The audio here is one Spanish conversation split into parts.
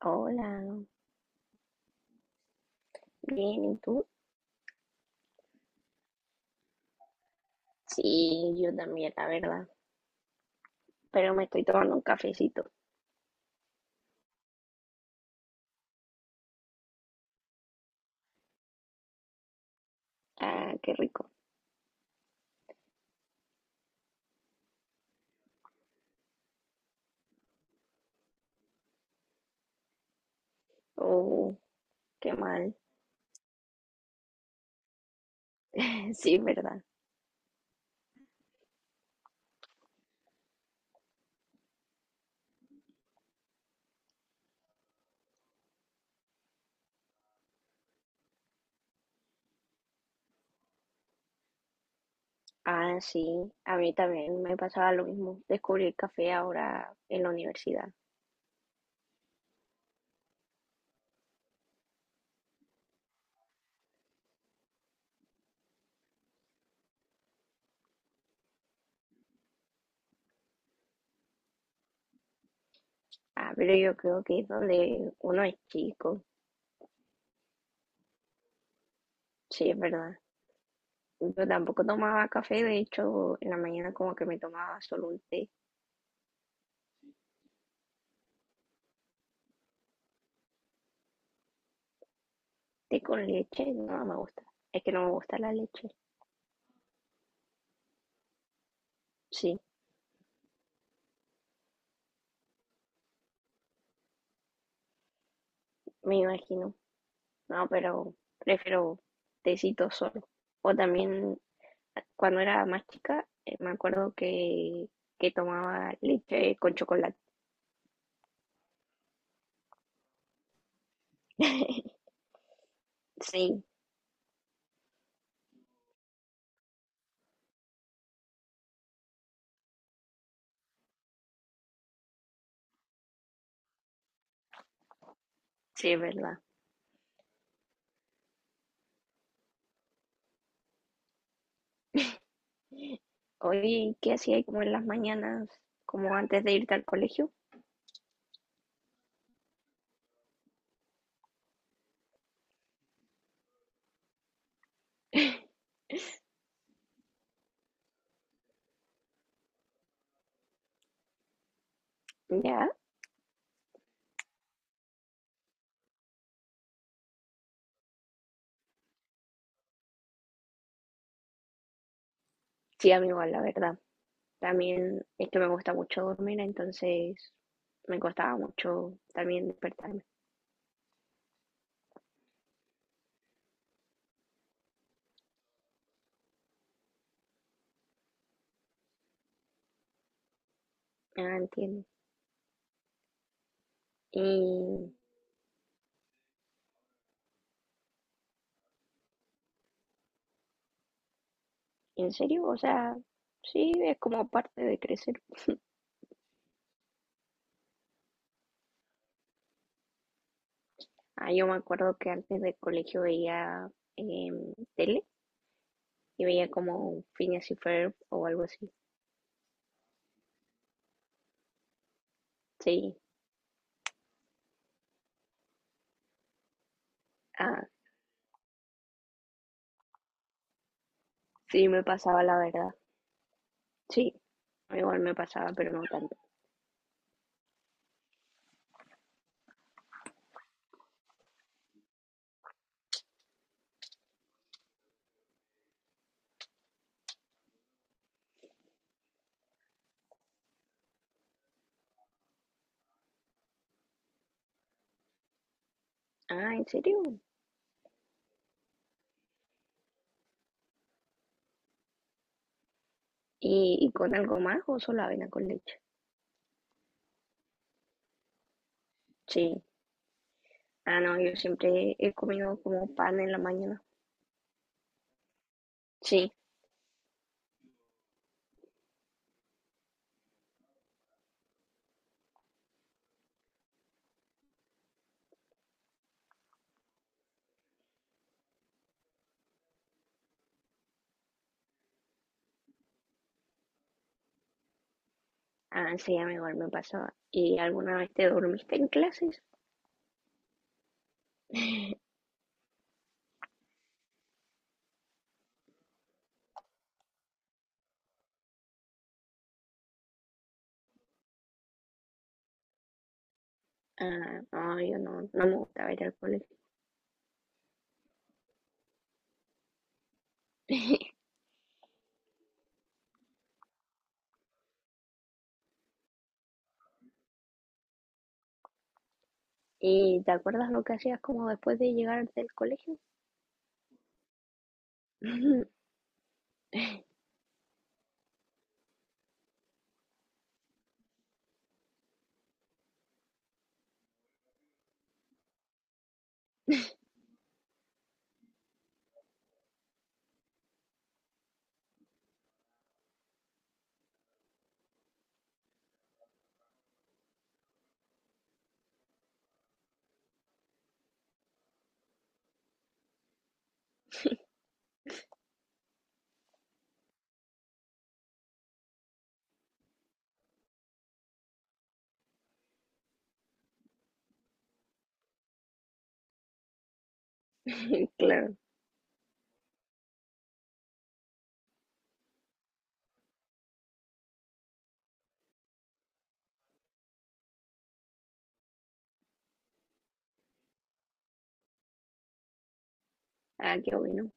Hola, bien, ¿y tú? Sí, yo también, la verdad. Pero me estoy tomando un cafecito. Ah, qué rico. Oh, qué mal. Sí, verdad. Ah, sí, a mí también me pasaba lo mismo. Descubrí el café ahora en la universidad. Ah, pero yo creo que es donde uno es chico. Sí, es verdad. Yo tampoco tomaba café, de hecho, en la mañana como que me tomaba solo un té. Té con leche, no me gusta. Es que no me gusta la leche. Sí, me imagino. No, pero prefiero tecito solo. O también cuando era más chica, me acuerdo que tomaba leche con chocolate. Sí, sí, es verdad. Oye, ¿qué hacía como en las mañanas, como antes de irte al colegio? Ya, sí, a mí igual, la verdad. También es que me gusta mucho dormir, entonces me costaba mucho también despertarme. Ah, entiendo. Y ¿en serio? O sea, sí, es como parte de crecer. Ah, yo me acuerdo que antes del colegio veía tele y veía como Phineas y Ferb o algo así. Sí, ah, sí me pasaba la verdad. Sí, igual me pasaba, pero no tanto. Ah, ¿en serio? Y con algo más o solo avena con leche? Sí. Ah, no, yo siempre he comido como pan en la mañana. Sí. Ah, sí, a mí igual me pasaba. ¿Y alguna vez te dormiste en clases? Ah, no, yo no, no me gusta ir al colegio. ¿Y te acuerdas lo que hacías como después de llegar del colegio? Claro. Ah, qué bueno.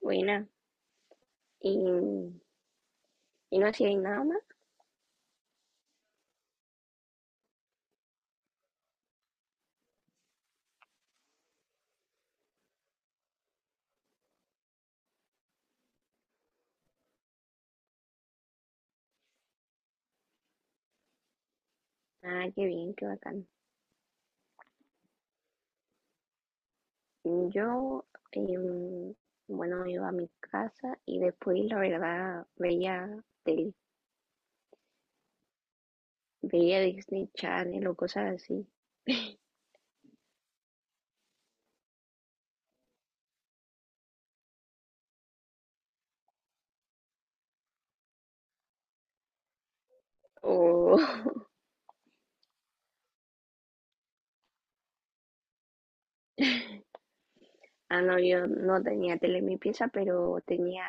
Buena. ¿Y, y no hacíais nada más? Ah, qué bien, qué bacán. Yo, em, bueno, iba a mi casa y después, la verdad, veía tele. Veía Disney Channel o cosas así. O, ah, no, yo no tenía tele en mi pieza, pero tenía,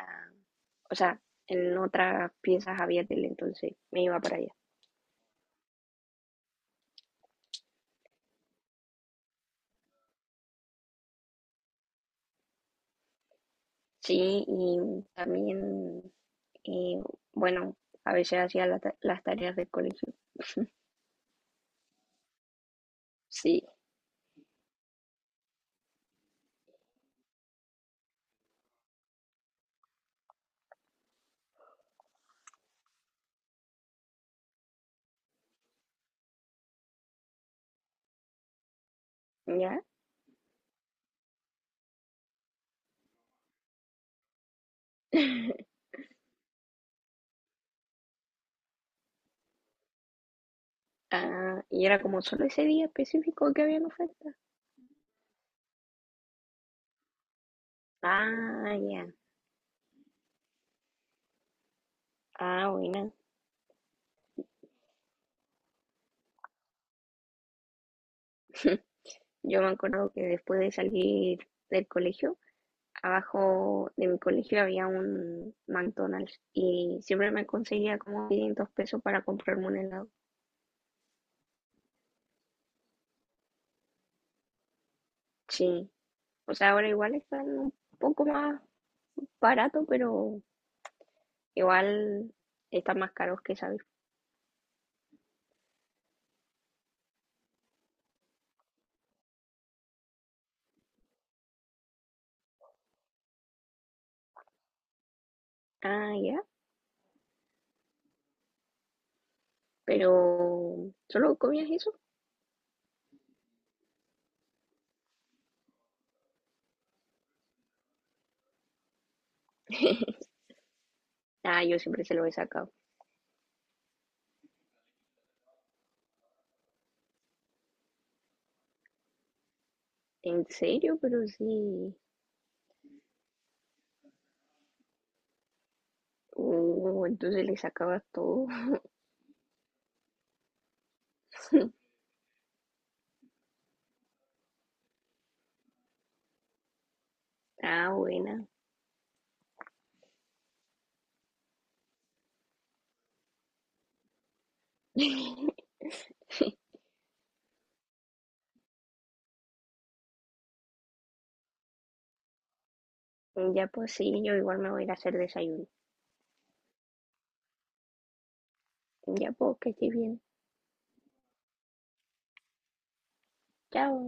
o sea, en otras piezas había tele, entonces me iba para allá. Sí, y también, eh, bueno, a veces hacía las tareas del colegio. Sí, ya. Ah, y era como solo ese día específico que había en oferta. Ah, ya. Ah, bueno. Yo me acuerdo que después de salir del colegio, abajo de mi colegio había un McDonald's y siempre me conseguía como $500 para comprarme un helado. Sí. O sea, ahora igual están un poco más barato, pero igual están más caros que esa vez. Ah, ya. Pero, ¿solo comías eso? Ah, yo siempre se lo he sacado. ¿En serio? Pero sí. Entonces le sacabas todo. Ah, buena. Ya pues sí, yo igual me voy a ir a hacer desayuno. Ya pues, que estés bien. Chao.